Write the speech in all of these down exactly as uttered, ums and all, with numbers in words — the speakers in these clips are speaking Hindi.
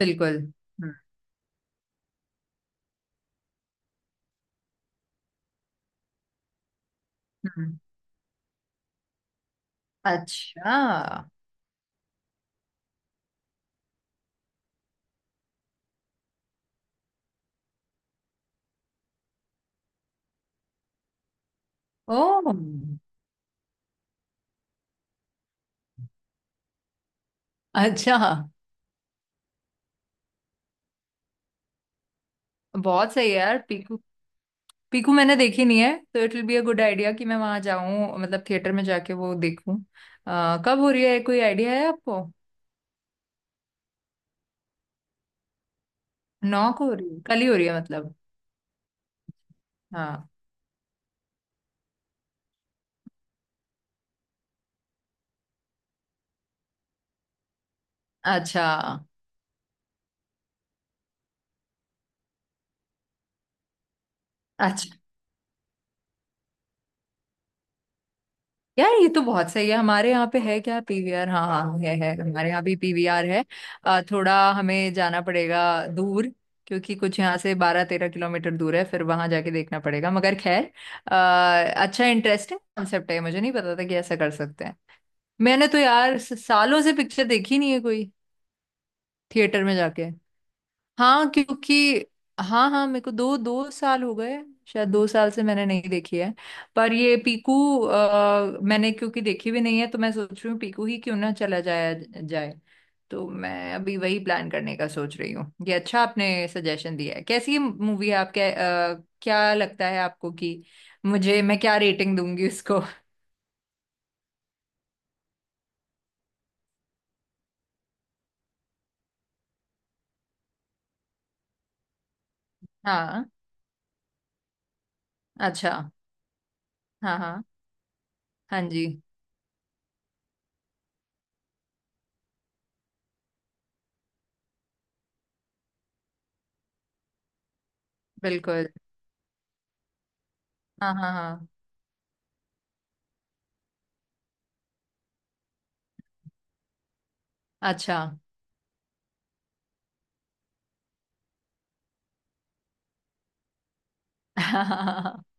बिल्कुल। हम्म। हम्म। अच्छा। ओह, अच्छा। बहुत सही है यार, पीकू। पीकू मैंने देखी नहीं है तो it will be a good idea कि मैं वहां जाऊं, मतलब थिएटर में जाके वो देखूं। अ, कब हो रही है, कोई आइडिया है आपको? नौ को हो रही है? कल ही हो रही है मतलब? हाँ, अच्छा, अच्छा। यार ये तो बहुत सही है। हमारे यहाँ पे है क्या पीवीआर? हाँ हाँ, है है हमारे यहाँ भी पीवीआर है। अ, थोड़ा हमें जाना पड़ेगा दूर, क्योंकि कुछ यहाँ से बारह तेरह किलोमीटर दूर है। फिर वहां जाके देखना पड़ेगा, मगर खैर। अ, अच्छा, इंटरेस्टिंग कॉन्सेप्ट है, मुझे नहीं पता था कि ऐसा कर सकते हैं। मैंने तो यार स- सालों से पिक्चर देखी नहीं है कोई, थिएटर में जाके। हाँ, क्योंकि हाँ हाँ, मेरे को दो दो साल हो गए। शायद दो साल से मैंने नहीं देखी है। पर ये पीकू अ, मैंने क्योंकि देखी भी नहीं है तो मैं सोच रही हूँ पीकू ही क्यों ना चला जाया जाए। तो मैं अभी वही प्लान करने का सोच रही हूँ। ये अच्छा आपने सजेशन दिया है। कैसी मूवी है आपके, अ, क्या लगता है आपको कि मुझे, मैं क्या रेटिंग दूंगी इसको? हाँ, अच्छा। हाँ हाँ, हाँ जी। बिल्कुल। हाँ हाँ। हाँ, अच्छा।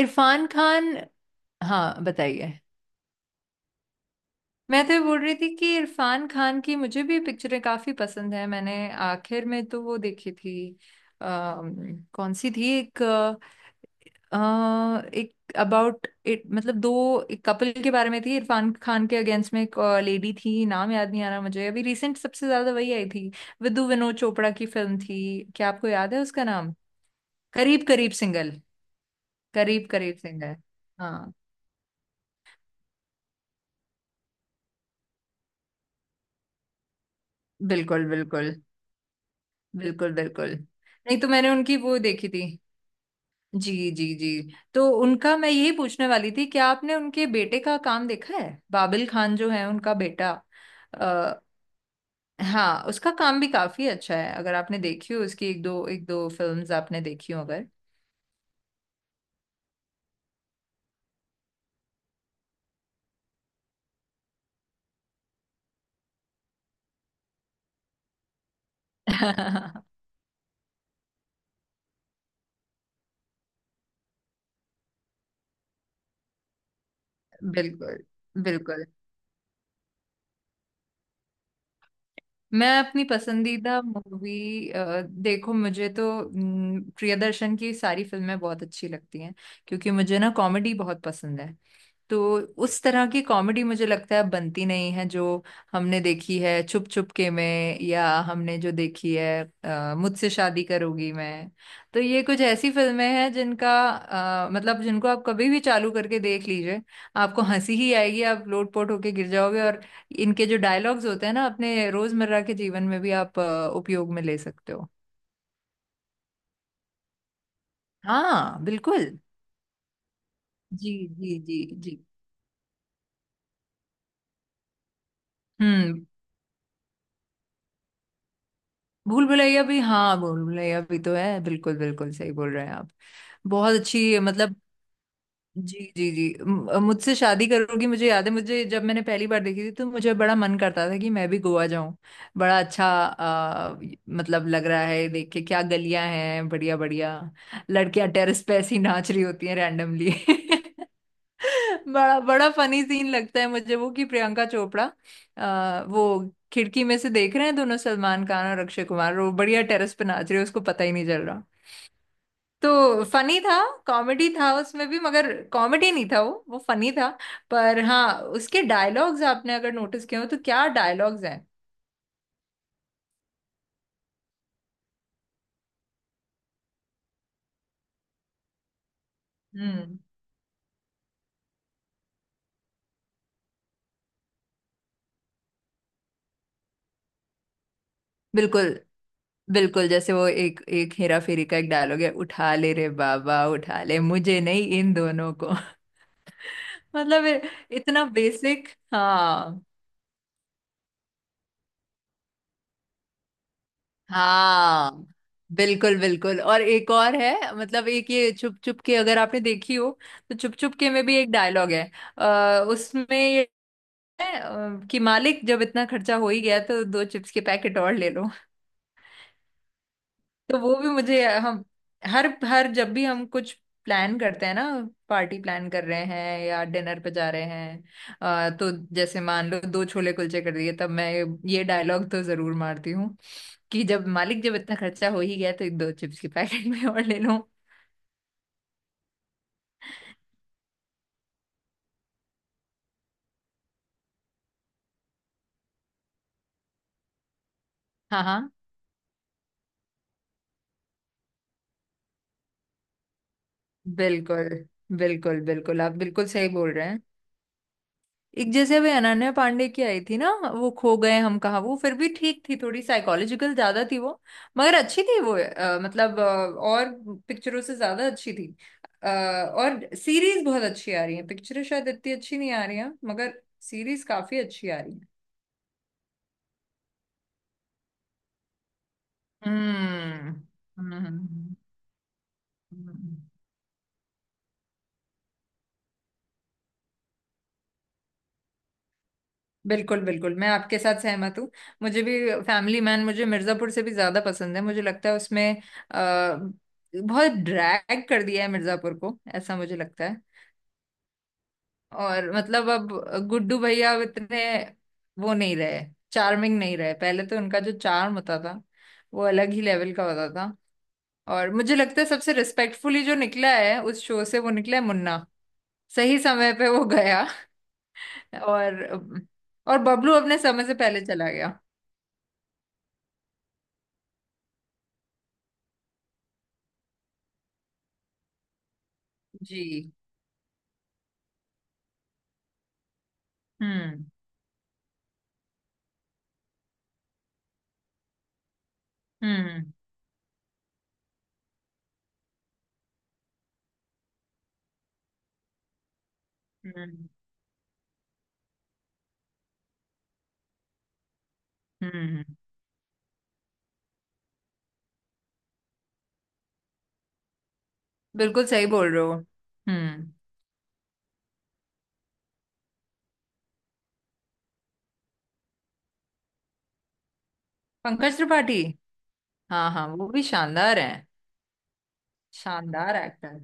इरफान खान। हाँ, बताइए। मैं तो ये बोल रही थी कि इरफान खान की मुझे भी पिक्चरें काफी पसंद है। मैंने आखिर में तो वो देखी थी, अम, कौन सी थी एक, अ, एक अबाउट इट, मतलब दो, एक कपल के बारे में थी, इरफान खान के अगेंस्ट में एक लेडी थी। नाम याद नहीं आ रहा मुझे अभी, रिसेंट सबसे ज्यादा वही आई थी। विदु विनोद चोपड़ा की फिल्म थी। क्या आपको याद है उसका नाम? करीब करीब सिंगल। करीब करीब सिंगल। हाँ। बिल्कुल बिल्कुल। बिल्कुल बिल्कुल। नहीं, तो मैंने उनकी वो देखी थी। जी जी जी, तो उनका मैं यही पूछने वाली थी, क्या आपने उनके बेटे का काम देखा है? बाबिल खान जो है, उनका बेटा। आ, हाँ, उसका काम भी काफी अच्छा है, अगर आपने देखी हो उसकी एक दो, एक दो फिल्म्स आपने देखी हो अगर। बिल्कुल बिल्कुल। मैं अपनी पसंदीदा मूवी, देखो मुझे तो हम्म, प्रियदर्शन की सारी फिल्में बहुत अच्छी लगती हैं, क्योंकि मुझे ना कॉमेडी बहुत पसंद है। तो उस तरह की कॉमेडी मुझे लगता है बनती नहीं है, जो हमने देखी है छुप छुप के में, या हमने जो देखी है अ, मुझसे शादी करोगी। मैं, तो ये कुछ ऐसी फिल्में हैं जिनका अ, मतलब जिनको आप कभी भी चालू करके देख लीजिए, आपको हंसी ही आएगी, आप लोट पोट होके गिर जाओगे। और इनके जो डायलॉग्स होते हैं ना, अपने रोजमर्रा के जीवन में भी आप अ, उपयोग में ले सकते हो। हाँ, बिल्कुल। जी जी जी। जी। हम्म। भूल भुलैया भी, हाँ, भूल भुलैया भी तो है, बिल्कुल बिल्कुल सही बोल रहे हैं आप। बहुत अच्छी, मतलब जी जी जी, म- मुझसे शादी करोगी मुझे याद है, मुझे जब मैंने पहली बार देखी थी तो मुझे बड़ा मन करता था कि मैं भी गोवा जाऊं। बड़ा अच्छा आ, मतलब लग रहा है देख के, क्या गलियां हैं, बढ़िया बढ़िया। लड़कियां टेरेस पे ऐसी नाच रही होती हैं रैंडमली। बड़ा बड़ा फनी सीन लगता है मुझे वो, कि प्रियंका चोपड़ा आ, वो खिड़की में से देख रहे हैं दोनों, सलमान खान और अक्षय कुमार, वो बढ़िया टेरेस पे नाच रहे हैं, उसको पता ही नहीं चल रहा। तो फनी था। कॉमेडी था उसमें भी, मगर कॉमेडी नहीं था, वो वो फनी था। पर हाँ, उसके डायलॉग्स आपने अगर नोटिस किए हो तो, क्या डायलॉग्स हैं। हम्म। बिल्कुल बिल्कुल, जैसे वो एक, एक हेरा फेरी का एक डायलॉग है, उठा ले रे बाबा उठा ले, मुझे नहीं इन दोनों को। मतलब इतना बेसिक। हाँ। हाँ, बिल्कुल बिल्कुल। और एक और है, मतलब एक ये चुप चुप के, अगर आपने देखी हो, तो चुप चुप के में भी एक डायलॉग है, आ, उसमें ये है, अ, कि मालिक जब इतना खर्चा हो ही गया, तो दो चिप्स के पैकेट और ले लो। तो वो भी मुझे हम, हर हर जब भी हम कुछ प्लान करते हैं ना, पार्टी प्लान कर रहे हैं या डिनर पे जा रहे हैं, अ, तो जैसे मान लो दो छोले कुलचे कर दिए, तब मैं ये डायलॉग तो जरूर मारती हूँ, कि जब मालिक जब इतना खर्चा हो ही गया तो दो चिप्स की पैकेट में और ले लो। हाँ हाँ। बिल्कुल बिल्कुल। बिल्कुल आप बिल्कुल सही बोल रहे हैं। एक जैसे अभी अनन्या पांडे की आई थी ना, वो खो गए हम कहाँ, वो फिर भी ठीक थी, थोड़ी साइकोलॉजिकल ज्यादा थी वो, मगर अच्छी थी वो। अ, मतलब अ, और पिक्चरों से ज्यादा अच्छी थी। अ, और सीरीज बहुत अच्छी आ रही है, पिक्चरें शायद इतनी अच्छी नहीं आ रही हैं, मगर सीरीज काफी अच्छी आ रही है। हम्म। हम्म, हम्म, हम्म। हम्म। बिल्कुल बिल्कुल, मैं आपके साथ सहमत हूँ। मुझे भी फैमिली मैन, मुझे मिर्जापुर से भी ज्यादा पसंद है। मुझे लगता है उसमें आ, बहुत ड्रैग कर दिया है मिर्जापुर को, ऐसा मुझे लगता है। और मतलब अब गुड्डू भैया अब इतने, वो नहीं रहे, चार्मिंग नहीं रहे। पहले तो उनका जो चार्म होता था, वो अलग ही लेवल का होता था। और मुझे लगता है सबसे रिस्पेक्टफुली जो निकला है उस शो से, वो निकला है मुन्ना, सही समय पे वो गया। और और बबलू अपने समय से पहले चला गया। जी। हम्म। हम्म। हम्म। हम्म, बिल्कुल सही बोल रहे हो। हम्म। पंकज त्रिपाठी। हाँ हाँ, वो भी शानदार हैं। शानदार एक्टर।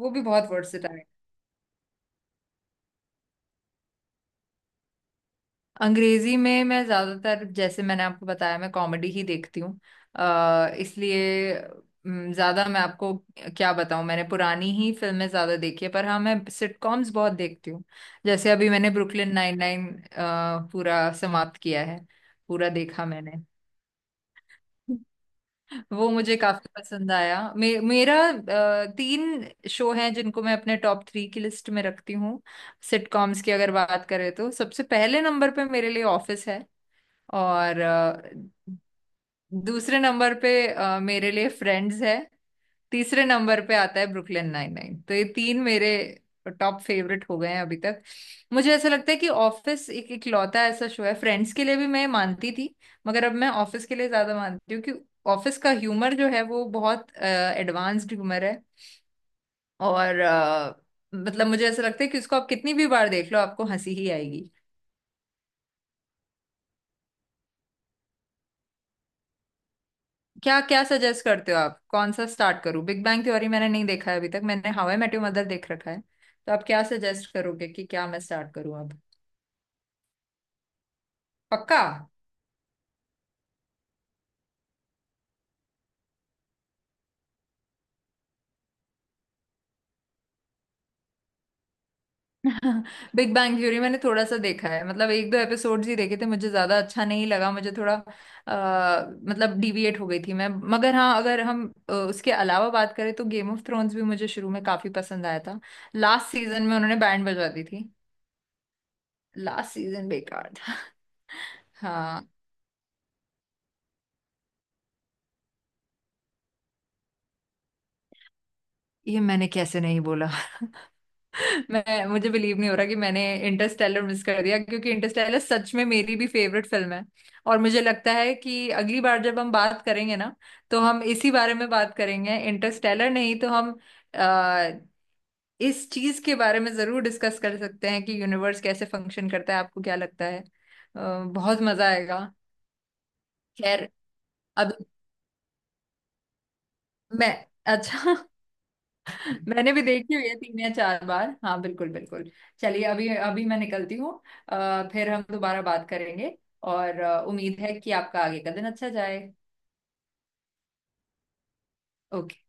वो भी बहुत वर्सेटाइल। अंग्रेजी में मैं ज्यादातर, जैसे मैंने आपको बताया, मैं कॉमेडी ही देखती हूँ, अ, इसलिए अम, ज्यादा मैं आपको क्या बताऊँ। मैंने पुरानी ही फिल्में ज्यादा देखी है, पर हाँ, मैं सिटकॉम्स बहुत देखती हूँ। जैसे अभी मैंने ब्रुकलिन नाइन नाइन पूरा समाप्त किया है, पूरा देखा मैंने। वो मुझे काफी पसंद आया। मे, मेरा अ, तीन शो हैं जिनको मैं अपने टॉप थ्री की लिस्ट में रखती हूँ। सिटकॉम्स की अगर बात करें तो सबसे पहले नंबर पे मेरे लिए ऑफिस है, और अ, दूसरे नंबर पे अ, मेरे लिए फ्रेंड्स है, तीसरे नंबर पे आता है ब्रुकलिन नाइन नाइन। तो ये तीन मेरे टॉप फेवरेट हो गए हैं अभी तक। मुझे ऐसा लगता है कि ऑफिस एक इकलौता ऐसा शो है, फ्रेंड्स के लिए भी मैं मानती थी मगर अब मैं ऑफिस के लिए ज्यादा मानती हूँ, कि ऑफिस का ह्यूमर जो है वो बहुत एडवांस्ड ह्यूमर है। और अ, मतलब मुझे ऐसा लगता है कि उसको आप कितनी भी बार देख लो, आपको हंसी ही आएगी। क्या क्या सजेस्ट करते हो आप, कौन सा स्टार्ट करूं? बिग बैंग थ्योरी मैंने नहीं देखा है अभी तक, मैंने How I Met Your Mother देख रखा है। तो आप क्या सजेस्ट करोगे कि क्या मैं स्टार्ट करूं अब? पक्का? बिग बैंग थ्योरी मैंने थोड़ा सा देखा है, मतलब एक दो एपिसोड्स ही देखे थे, मुझे ज्यादा अच्छा नहीं लगा, मुझे थोड़ा अ, मतलब डिविएट हो गई थी मैं। मगर हाँ, अगर हम अ, उसके अलावा बात करें तो गेम ऑफ थ्रोन्स भी मुझे शुरू में काफी पसंद आया था, लास्ट सीजन में उन्होंने बैंड बजवा दी थी। लास्ट सीजन बेकार था। हाँ। ये मैंने कैसे नहीं बोला। मैं, मुझे बिलीव नहीं हो रहा कि मैंने इंटरस्टेलर मिस कर दिया, क्योंकि इंटरस्टेलर सच में मेरी भी फेवरेट फिल्म है। और मुझे लगता है कि अगली बार जब हम बात करेंगे ना, तो हम इसी बारे में बात करेंगे इंटरस्टेलर, नहीं तो हम आ, इस चीज के बारे में जरूर डिस्कस कर सकते हैं कि यूनिवर्स कैसे फंक्शन करता है, आपको क्या लगता है? अ, बहुत मजा आएगा। खैर, अभी मैं। अच्छा। मैंने भी देखी हुई है तीन या चार बार, हाँ, बिल्कुल बिल्कुल। चलिए, अभी अभी मैं निकलती हूँ, अ, फिर हम दोबारा बात करेंगे। और अ, उम्मीद है कि आपका आगे का दिन अच्छा जाए। ओके।